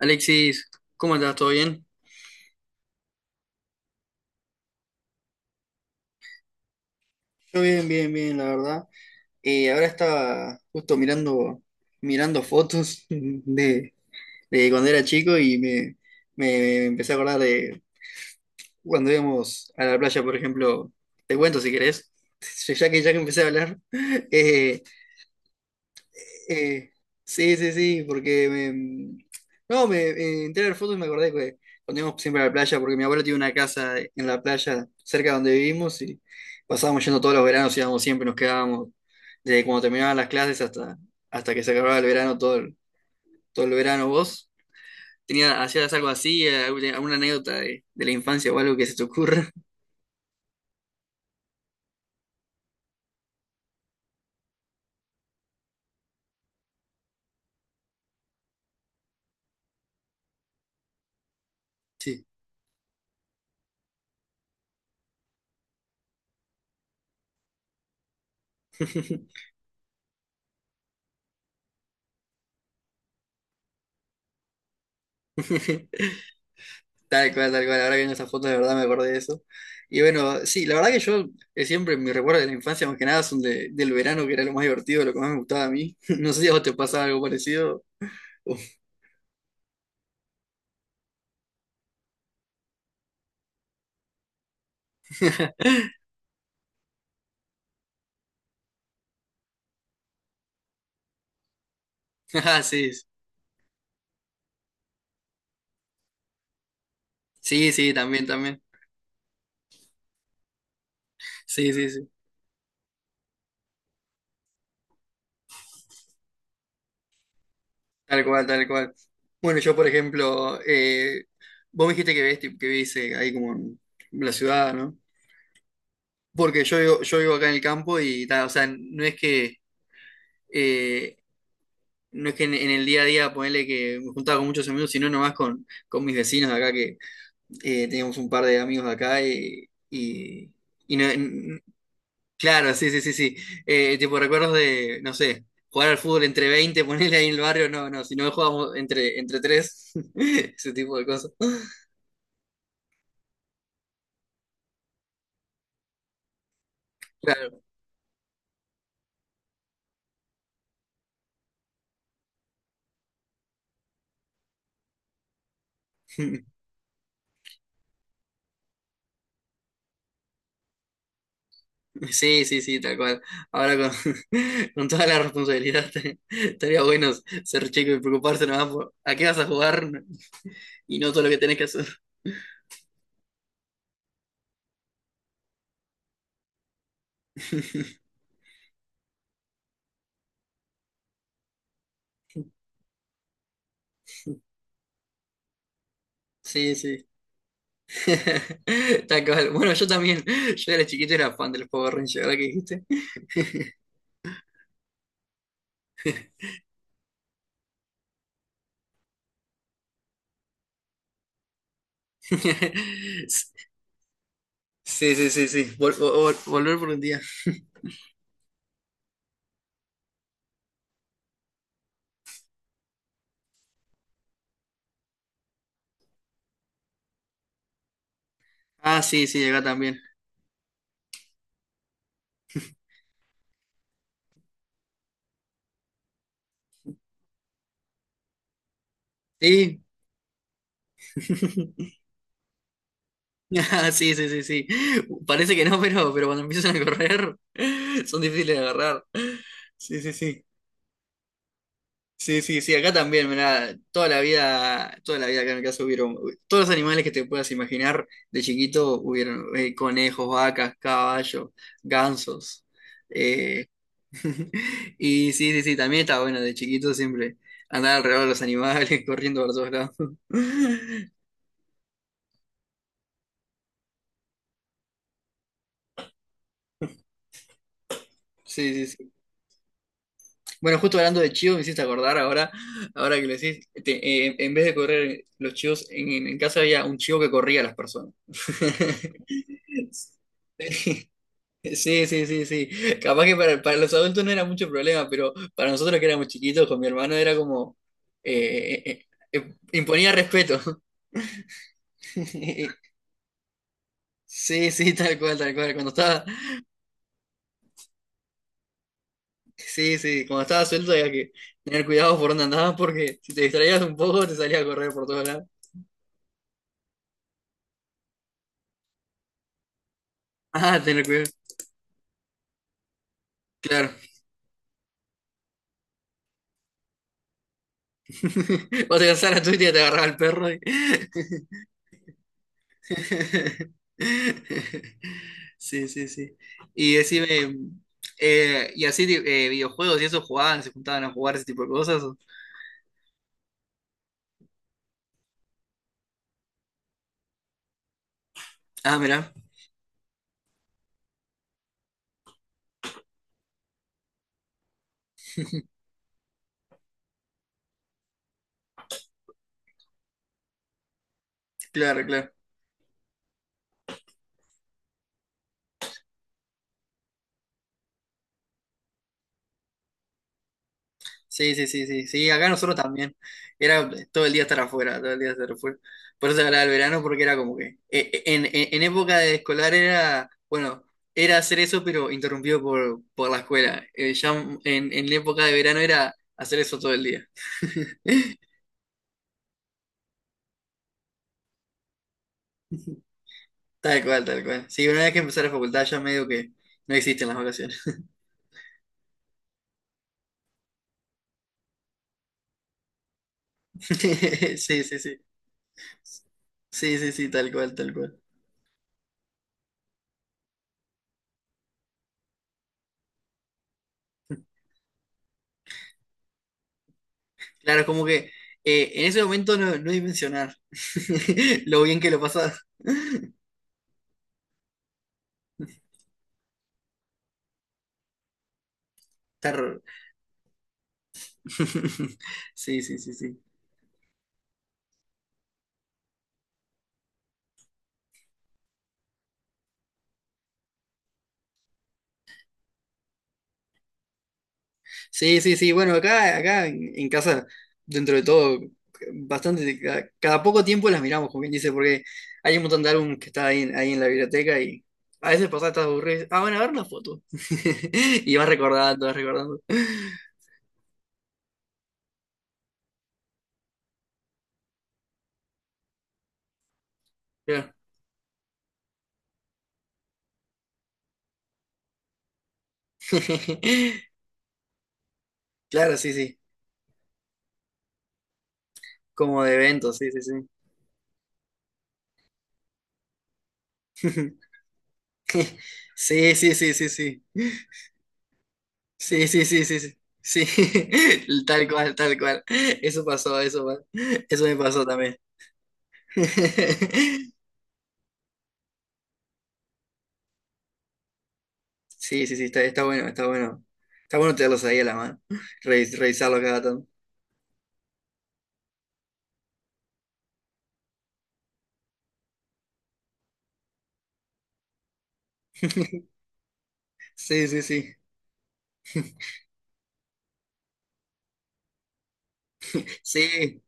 Alexis, ¿cómo andás? ¿Todo bien? Yo bien, bien, bien, la verdad. Ahora estaba justo mirando, mirando fotos de cuando era chico y me empecé a acordar de cuando íbamos a la playa, por ejemplo. Te cuento si querés, ya que empecé a hablar. Eh, Eh, sí, sí, sí, porque me... No, me entré a ver fotos y me acordé que cuando íbamos siempre a la playa, porque mi abuelo tiene una casa en la playa cerca de donde vivimos y pasábamos yendo todos los veranos, íbamos siempre, nos quedábamos desde cuando terminaban las clases hasta, hasta que se acababa el verano, todo el verano. ¿Vos tenía, hacías algo así, alguna anécdota de la infancia o algo que se te ocurra? Sí. Tal cual, tal cual. Ahora que en esas fotos de verdad me acordé de eso. Y bueno, sí, la verdad que yo siempre mis recuerdos de la infancia, más que nada, son de- del verano, que era lo más divertido, lo que más me gustaba a mí. No sé si a vos te pasaba algo parecido. Ah, sí. Sí, sí, también, también. Sí, sí, sí. Tal cual, tal cual. Bueno, yo, por ejemplo, vos me dijiste que ves, que vivís ahí como en la ciudad, ¿no? Porque yo vivo acá en el campo y, ta, o sea, no es que eh, no es que en el día a día, ponele que me juntaba con muchos amigos, sino nomás con mis vecinos de acá, que teníamos un par de amigos de acá y no- n- claro, sí, sí, sí, sí. Tipo recuerdos de, no sé, jugar al fútbol entre 20 ponerle ahí en el barrio, no, no, si no jugábamos entre, entre tres, ese tipo de cosas. Claro. Sí, sí, sí, tal cual. Ahora con, con toda la responsabilidad estaría bueno ser chico y preocuparse nomás por a qué vas a jugar y no todo lo que tenés que hacer. Sí, sí. Tal cual. Bueno, yo también. Yo era chiquito era fan de los Power Rangers, ¿verdad que dijiste? Sí, sí, sí, sí. Vol- vol- volver por un día. Ah, sí, sí, acá también. Sí. Ah, sí, sí, sí, sí. Parece que no, pero cuando empiezan a correr son difíciles de agarrar. Sí, sí, sí. Sí, sí, sí, acá también, mirá, toda la vida acá en mi casa hubieron, todos los animales que te puedas imaginar de chiquito hubieron conejos, vacas, caballos, gansos. eh, y sí, sí, sí, también está bueno de chiquito siempre andar alrededor de los animales, corriendo por todos lados. Sí, sí, sí. Bueno, justo hablando de chivos, me hiciste acordar ahora, ahora que lo decís, te- en vez de correr los chivos, en casa había un chivo que corría a las personas. Sí. Sí, sí, sí, sí. Capaz que para los adultos no era mucho problema, pero para nosotros que éramos chiquitos, con mi hermano era como... imponía respeto. Sí, sí, tal cual, tal cual. Cuando estaba, sí, sí, cuando estaba suelto había que tener cuidado por dónde andabas porque si te distraías un poco te salía a correr por todos lados. Ah, tener cuidado. Claro. Vos te cansabas la tuya y te agarraba el perro. Y- sí, sí, sí. Y decime, y así videojuegos y eso jugaban, se juntaban a jugar ese tipo de cosas. ¿O? Ah, mirá, claro, claro. Sí, sí, sí, sí, sí, acá nosotros también. Era todo el día estar afuera, todo el día estar afuera. Por eso se hablaba del verano, porque era como que en época de escolar era, bueno, era hacer eso, pero interrumpido por la escuela. Ya en época de verano era hacer eso todo el día. Tal cual, tal cual. Sí, una vez que empecé la facultad ya medio que no existen las vacaciones. Sí, sí, sí. Sí, sí, sí, tal cual, tal cual. Claro, como que en ese momento no, no dimensionar lo bien que lo pasás. Terror. Sí, sí, sí, sí. Sí, sí, sí. Bueno, acá, acá en casa, dentro de todo, bastante, cada, cada poco tiempo las miramos, como quien dice, porque hay un montón de álbumes que está ahí, en- ahí en la biblioteca y a veces pasás, estás aburrido. Y dices, ah, bueno, a ver la foto. Y vas recordando, vas recordando. Claro, claro, sí, sí. Como de eventos, sí, sí, sí. Sí, sí, sí, sí, sí. Sí, sí, sí, sí, sí. Sí, tal cual, tal cual. Eso pasó, eso, pa- eso me pasó también. Sí, sí, sí, está, está bueno, está bueno. Está bueno tenerlos ahí a la mano, revis- revisarlo cada tanto. Sí, sí, sí. Sí,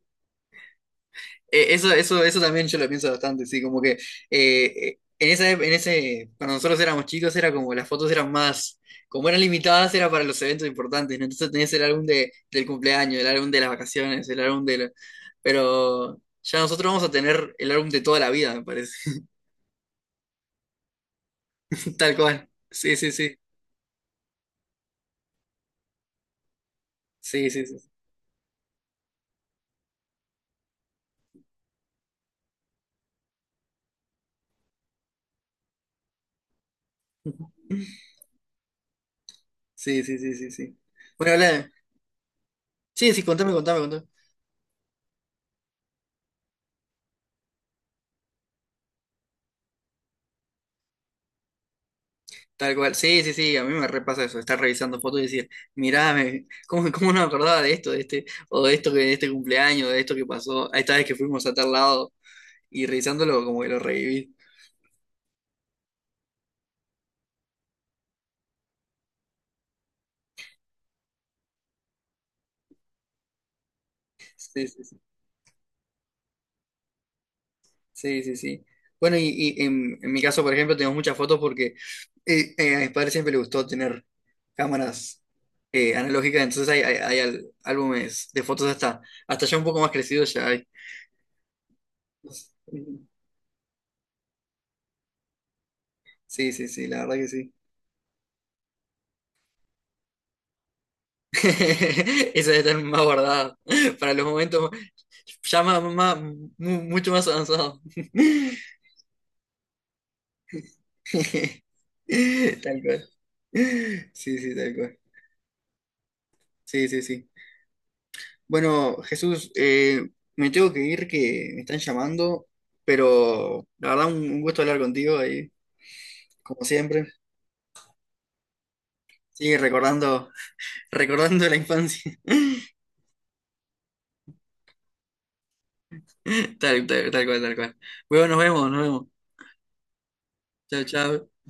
eso también yo lo pienso bastante, sí, como que en esa, ep- en ese, cuando nosotros éramos chicos era como las fotos eran más, como eran limitadas, era para los eventos importantes, ¿no? Entonces tenías el álbum de, del cumpleaños, el álbum de las vacaciones, el álbum de... la- pero ya nosotros vamos a tener el álbum de toda la vida, me parece. Tal cual. Sí, sí, sí. Sí, sí, sí. Sí, sí, sí, sí, sí. Bueno, habla- sí, sí, contame, contame, contame. Tal cual. Sí, sí, sí, a mí me repasa eso, estar revisando fotos y decir, mirá, me- ¿cómo, cómo no me acordaba de esto, de este, o de esto que de este cumpleaños, de esto que pasó, a esta vez que fuimos a tal lado, y revisándolo como que lo reviví? Sí, sí, sí. Sí, sí, sí. Bueno, y en mi caso, por ejemplo, tengo muchas fotos porque a mis padres siempre les gustó tener cámaras analógicas, entonces hay al- álbumes de fotos hasta, hasta ya un poco más crecidos ya hay. Sí, sí, sí, la verdad que sí. Eso debe estar más guardado para los momentos ya más, más- mu- mucho más avanzados. Tal cual. Sí, sí, tal cual. Sí, sí, sí. Bueno, Jesús, me tengo que ir que me están llamando, pero la verdad un gusto hablar contigo ahí, como siempre. Sí, recordando, recordando la infancia. Tal, tal, tal cual, tal cual. Bueno, nos vemos, nos vemos. Chao, chao.